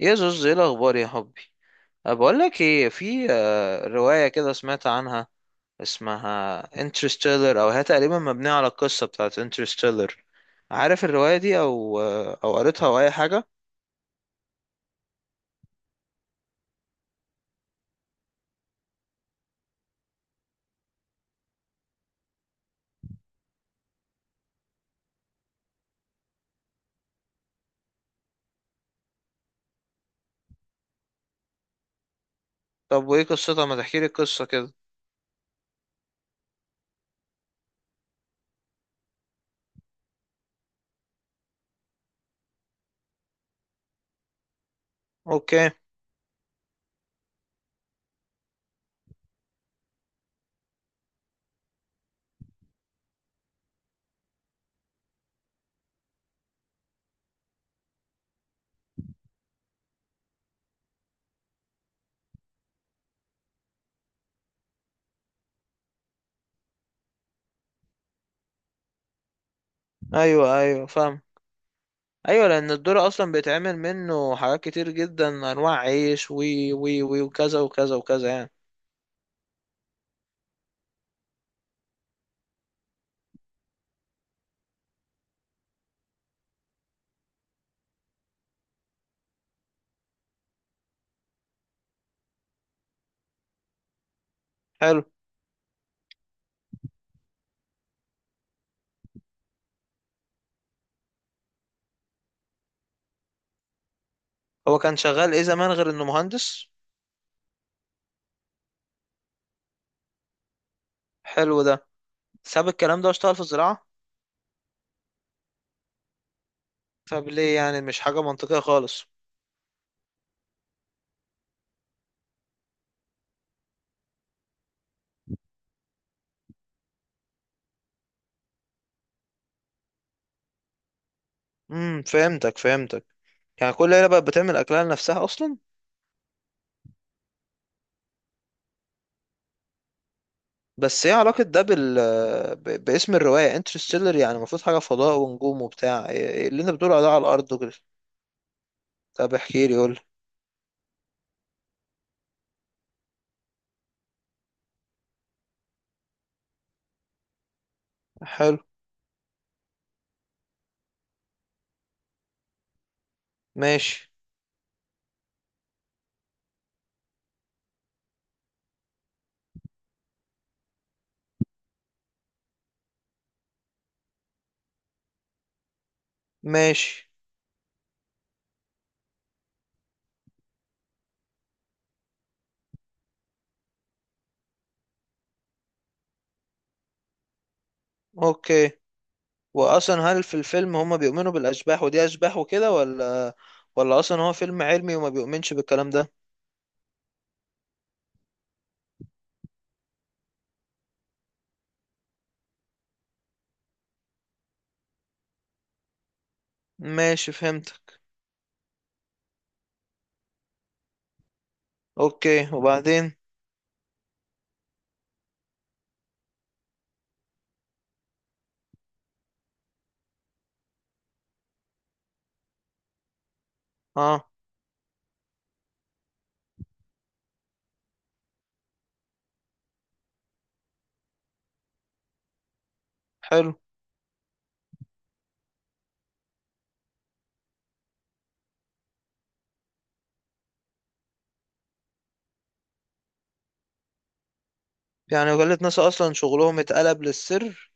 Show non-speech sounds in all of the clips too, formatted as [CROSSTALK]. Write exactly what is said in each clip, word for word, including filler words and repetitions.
يا زوز، ايه الاخبار يا حبي؟ أه، بقول لك ايه، في آه، روايه كده سمعت عنها، اسمها انترستيلر، او هي تقريبا مبنيه على القصه بتاعت انترستيلر. عارف الروايه دي او آه، او قريتها او اي حاجه؟ طب وايه قصتها؟ ما تحكي لي القصه كده. اوكي. ايوه، ايوه، فاهم. ايوه، لان الدور اصلا بيتعمل منه حاجات كتير جدا، انواع عيش وي وي وي وكذا وكذا وكذا يعني. حلو. هو كان شغال ايه زمان غير انه مهندس؟ حلو ده. ساب الكلام ده واشتغل في الزراعه؟ طب ليه؟ يعني مش حاجة منطقية خالص. امم فهمتك، فهمتك. يعني كل عيلة بقت بتعمل أكلها لنفسها أصلا. بس ايه علاقة ده بال ب... باسم الرواية انترستيلر؟ يعني المفروض حاجة فضاء ونجوم وبتاع، إيه إيه اللي انت بتقوله ده على الأرض وكده؟ طب احكي لي، قول لي. حلو. ماشي، ماشي. اوكي. وأصلا هل في الفيلم هما بيؤمنوا بالأشباح ودي أشباح وكده، ولا ولا أصلا هو فيلم علمي وما بيؤمنش بالكلام ده؟ ماشي، فهمتك. اوكي، وبعدين؟ اه. حلو، يعني وكالة ناسا أصلا شغلهم اتقلب للسر؟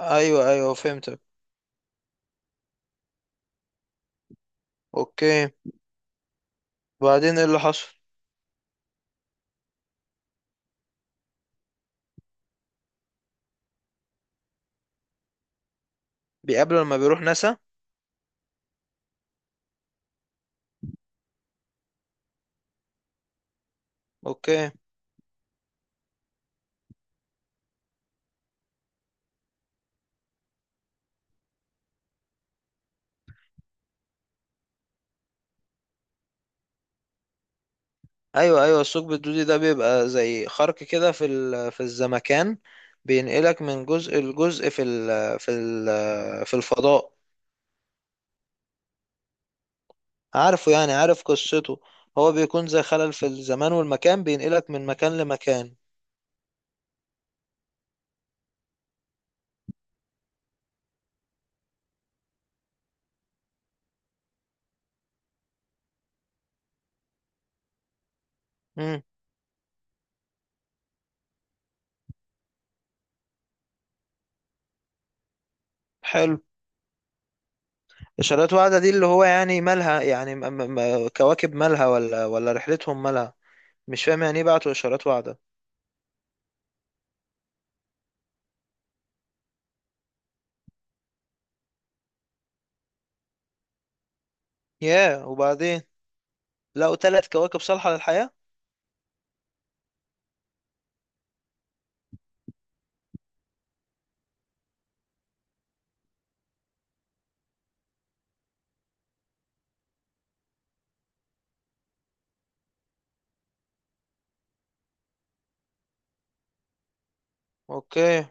أيوة، أيوة، فهمتك. أوكي، وبعدين إيه اللي حصل؟ بيقابله لما بيروح ناسا؟ أوكي. أيوة، أيوة، الثقب الدودي ده بيبقى زي خرق كده في ال... في الزمكان، بينقلك من جزء لجزء في ال... في ال... في الفضاء. عارفه، يعني عارف قصته. هو بيكون زي خلل في الزمان والمكان، بينقلك من مكان لمكان. مم. حلو. إشارات واعدة دي اللي هو يعني مالها؟ يعني م... م... م- كواكب مالها ولا ولا رحلتهم مالها؟ مش فاهم، يعني ايه بعتوا اشارات واعدة؟ ياه، وبعدين؟ لقوا ثلاث كواكب صالحة للحياة؟ اوكي.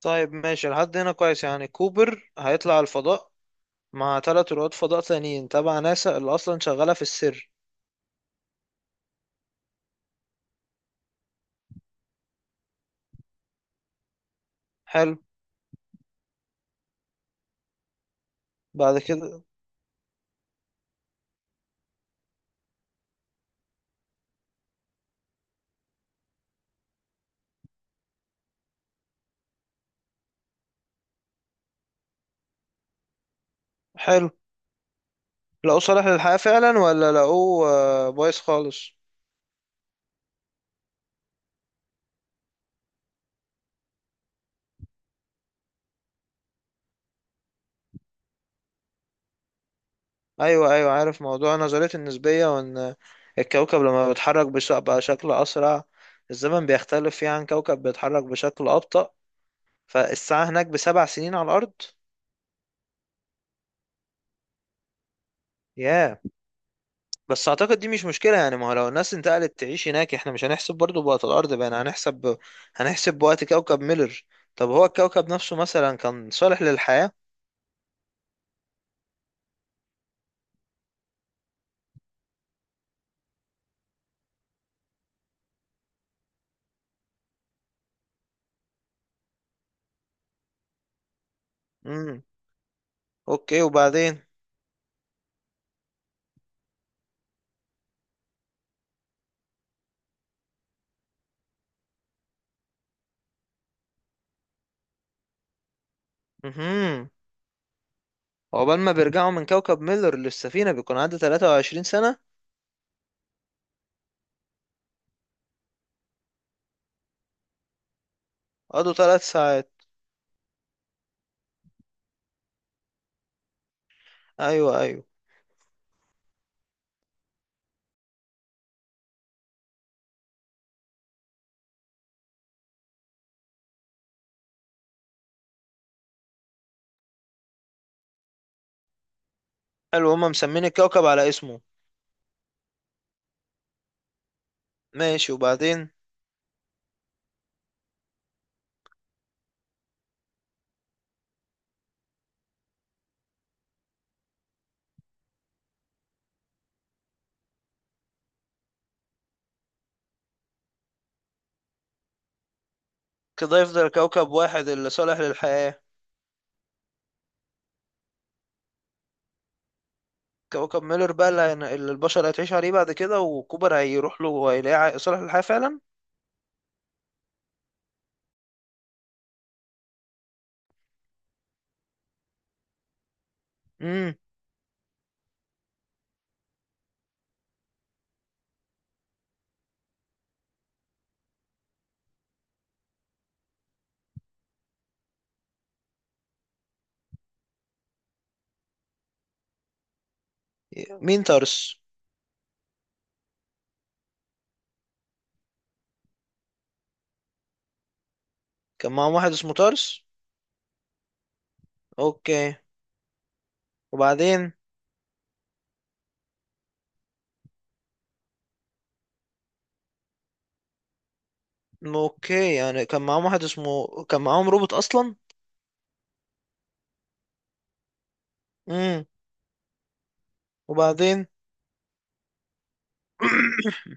طيب، ماشي لحد هنا كويس. يعني كوبر هيطلع الفضاء مع ثلاث رواد فضاء تانيين تبع ناسا اللي اصلا شغالة في السر. حلو. بعد كده؟ حلو. لقوه صالح للحياة فعلا ولا لقوه آه، بايظ خالص؟ ايوه، ايوه، عارف موضوع نظرية النسبية، وان الكوكب لما بيتحرك بش- بشكل اسرع، الزمن بيختلف فيه عن كوكب بيتحرك بشكل ابطأ، فالساعة هناك بسبع سنين على الارض. ياه. بس اعتقد دي مش مشكلة، يعني ما هو لو الناس انتقلت تعيش هناك احنا مش هنحسب برضو بوقت الارض، بقى هنحسب هنحسب بوقت كوكب ميلر. طب هو الكوكب نفسه مثلا كان صالح للحياة؟ امم. اوكي، وبعدين؟ امم عقبال ما بيرجعوا من كوكب ميلر للسفينة بيكون عدى تلاتة وعشرين سنة. قضوا ثلاث ساعات؟ ايوه، ايوه. حلو، هما مسمين الكوكب على اسمه. ماشي، وبعدين؟ كده يفضل كوكب واحد اللي صالح للحياة. كوكب ميلر بقى اللي هن- اللي البشر هتعيش عليه بعد كده، وكوبر هيروح له وهيلاقيه عا- صالح للحياة فعلا. امم مين تارس؟ كان معاهم واحد اسمه تارس؟ اوكي، وبعدين؟ اوكي، يعني كان معاهم واحد اسمه كان معاهم روبوت اصلا؟ امم وبعدين؟ [COUGHS]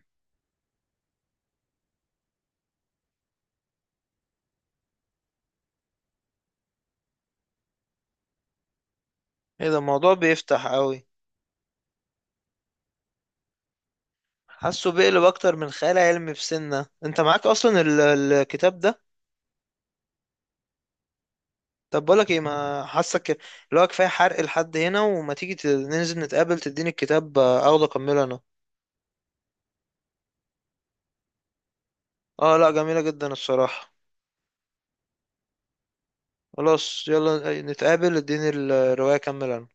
[CLEARS THROAT] ايه ده؟ الموضوع بيفتح قوي. حاسه بيقلب اكتر من خيال علمي، في سنة انت معاك اصلا ال- الكتاب ده؟ طب بقولك ايه، ما حاسك، اللي هو كفايه حرق لحد هنا، وما تيجي ت- ننزل نتقابل تديني الكتاب آه، اخده اكمله انا. اه، لا جميلة جدا الصراحة. خلاص، يلا نتقابل اديني الرواية كمل.